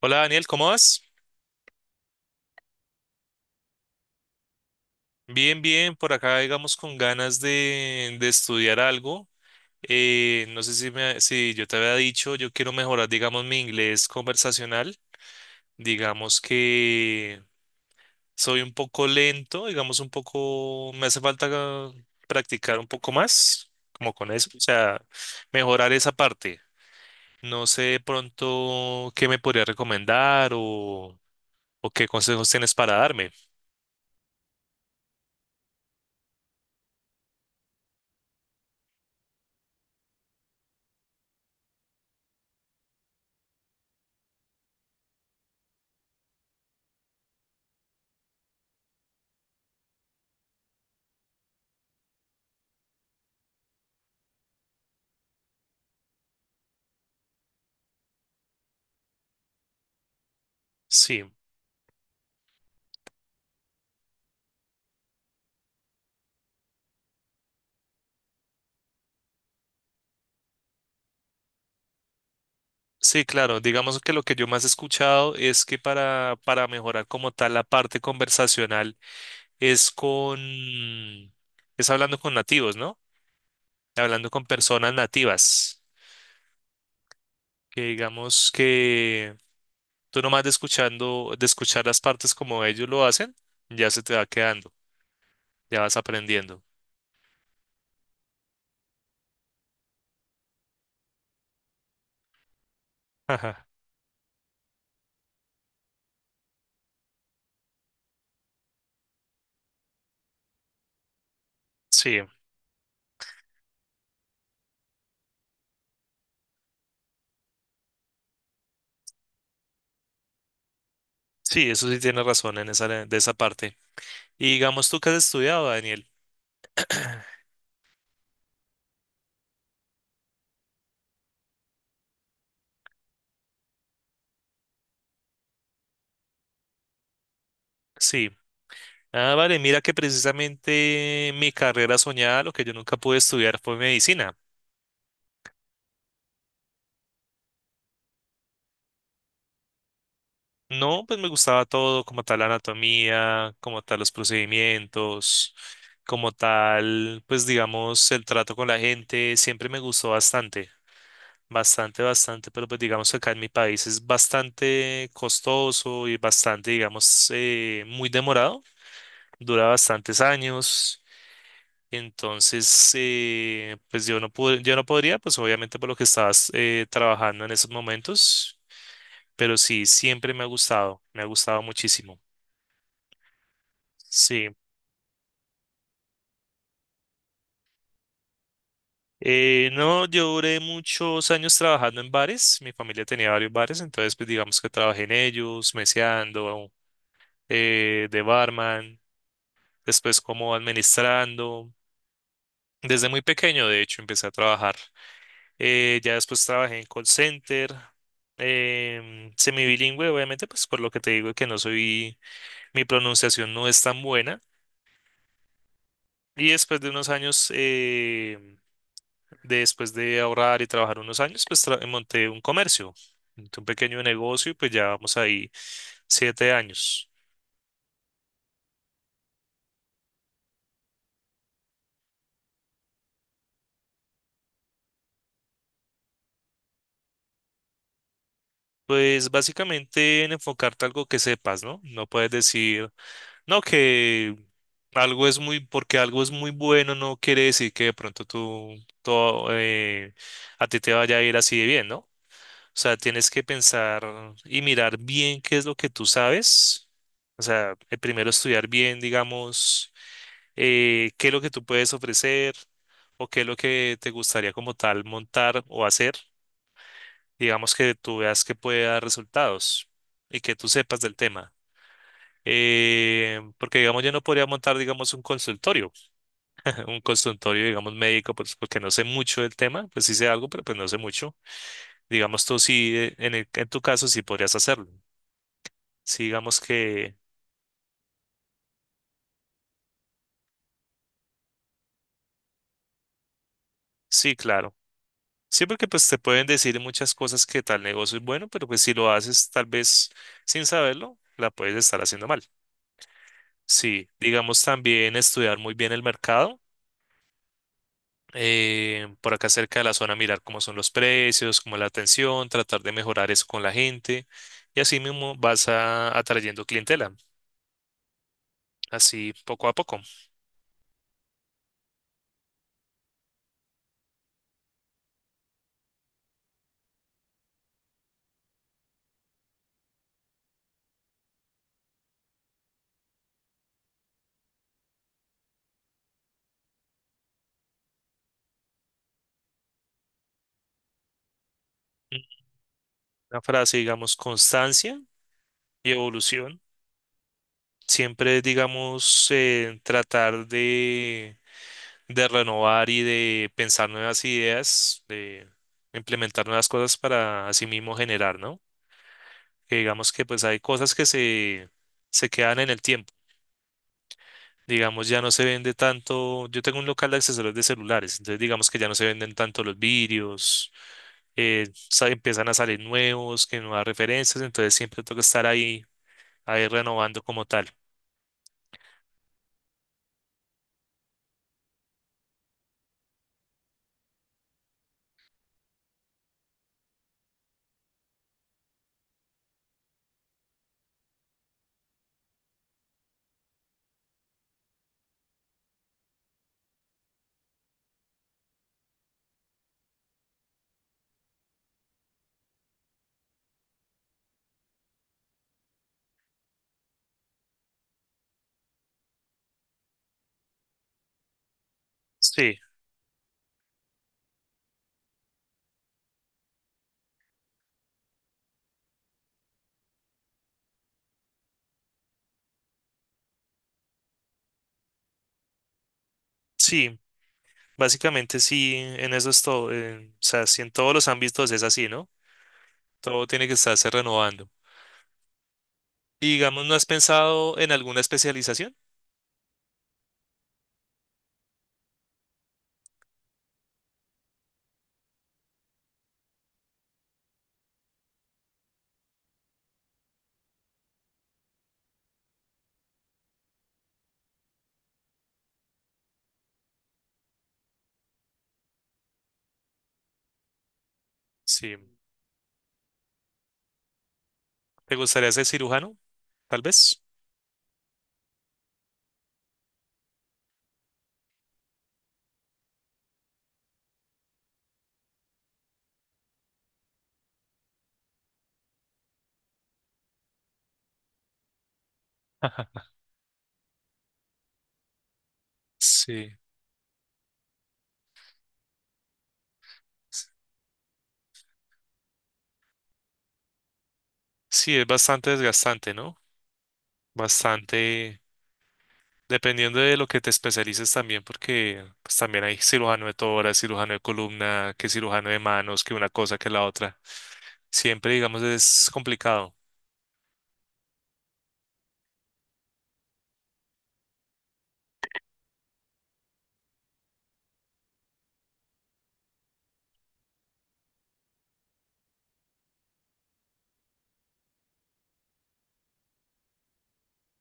Hola Daniel, ¿cómo vas? Bien, bien, por acá digamos con ganas de estudiar algo. No sé si, si yo te había dicho, yo quiero mejorar digamos mi inglés conversacional. Digamos que soy un poco lento, digamos un poco, me hace falta practicar un poco más, como con eso, o sea, mejorar esa parte. No sé de pronto qué me podría recomendar o qué consejos tienes para darme. Sí. Sí, claro. Digamos que lo que yo más he escuchado es que para mejorar como tal la parte conversacional es con, es hablando con nativos, ¿no? Hablando con personas nativas. Que digamos que tú nomás de escuchando, de escuchar las partes como ellos lo hacen, ya se te va quedando, ya vas aprendiendo. Ajá. Sí, sí, eso sí tienes razón en esa, de esa parte. Y digamos tú que has estudiado, Daniel. Sí. Ah, vale, mira que precisamente mi carrera soñada, lo que yo nunca pude estudiar fue medicina. No, pues me gustaba todo, como tal la anatomía, como tal los procedimientos, como tal, pues digamos, el trato con la gente, siempre me gustó bastante, bastante, bastante, pero pues digamos que acá en mi país es bastante costoso y bastante, digamos, muy demorado, dura bastantes años. Entonces, pues yo no pude, yo no podría, pues obviamente por lo que estabas trabajando en esos momentos, pero sí, siempre me ha gustado muchísimo. Sí. No, yo duré muchos años trabajando en bares, mi familia tenía varios bares, entonces pues digamos que trabajé en ellos, meseando, de barman, después como administrando, desde muy pequeño de hecho empecé a trabajar. Ya después trabajé en call center, semibilingüe, obviamente, pues por lo que te digo que no soy, mi pronunciación no es tan buena. Y después de unos años, después de ahorrar y trabajar unos años, pues monté un comercio, monté un pequeño negocio, y pues ya vamos ahí 7 años. Pues básicamente en enfocarte a algo que sepas, ¿no? No puedes decir... No, que algo es muy, porque algo es muy bueno, no quiere decir que de pronto tú, todo, a ti te vaya a ir así de bien, ¿no? O sea, tienes que pensar y mirar bien qué es lo que tú sabes. O sea, primero estudiar bien, digamos, qué es lo que tú puedes ofrecer o qué es lo que te gustaría como tal montar o hacer. Digamos que tú veas que puede dar resultados y que tú sepas del tema. Porque, digamos, yo no podría montar, digamos, un consultorio, un consultorio, digamos, médico, pues porque no sé mucho del tema, pues sí sé algo, pero pues no sé mucho. Digamos, tú sí, en tu caso, sí podrías hacerlo. Sí, digamos que, sí, claro. Sí, porque pues te pueden decir muchas cosas que tal negocio es bueno, pero pues si lo haces tal vez sin saberlo, la puedes estar haciendo mal. Sí, digamos también estudiar muy bien el mercado por acá cerca de la zona, mirar cómo son los precios, cómo es la atención, tratar de mejorar eso con la gente y así mismo atrayendo clientela, así poco a poco. Mm. Una frase, digamos, constancia y evolución. Siempre, digamos, tratar de renovar y de pensar nuevas ideas, de implementar nuevas cosas para así mismo generar, ¿no? Que digamos que pues hay cosas que se quedan en el tiempo. Digamos, ya no se vende tanto. Yo tengo un local de accesorios de celulares, entonces digamos que ya no se venden tanto los vidrios, empiezan a salir nuevos, que nuevas referencias, entonces siempre toca estar ahí, ahí renovando como tal. Sí, sí, básicamente sí, en eso es todo. O sea, si en todos los ámbitos es así, ¿no? Todo tiene que estarse renovando. Y digamos, ¿no has pensado en alguna especialización? Sí. ¿Te gustaría ser cirujano? Tal vez. Sí. Sí, es bastante desgastante, ¿no? Bastante, dependiendo de lo que te especialices también, porque pues, también hay cirujano de tórax, cirujano de columna, que cirujano de manos, que una cosa, que la otra. Siempre, digamos, es complicado.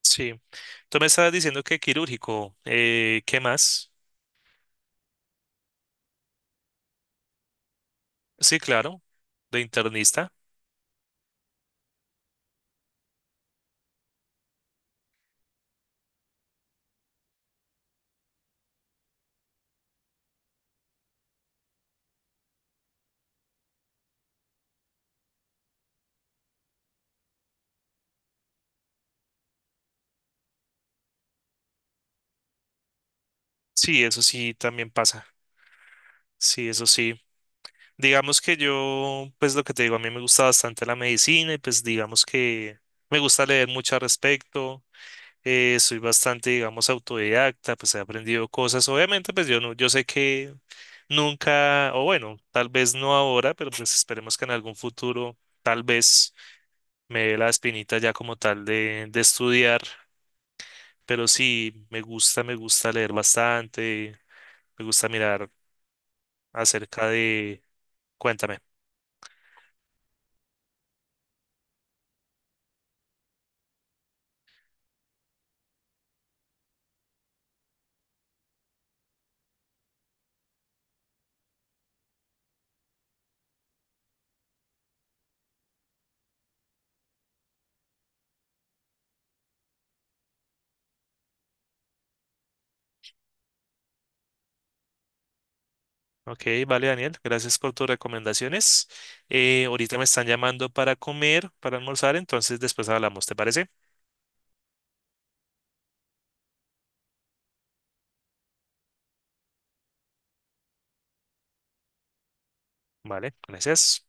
Sí. Tú me estabas diciendo que quirúrgico. ¿Qué más? Sí, claro. De internista. Sí, eso sí también pasa. Sí, eso sí. Digamos que yo, pues lo que te digo, a mí me gusta bastante la medicina y pues digamos que me gusta leer mucho al respecto. Soy bastante, digamos, autodidacta, pues he aprendido cosas. Obviamente, pues yo no, yo sé que nunca, o bueno, tal vez no ahora, pero pues esperemos que en algún futuro, tal vez me dé la espinita ya como tal de estudiar. Pero sí, me gusta leer bastante, me gusta mirar acerca de, cuéntame. Ok, vale, Daniel, gracias por tus recomendaciones. Ahorita me están llamando para comer, para almorzar, entonces después hablamos, ¿te parece? Vale, gracias.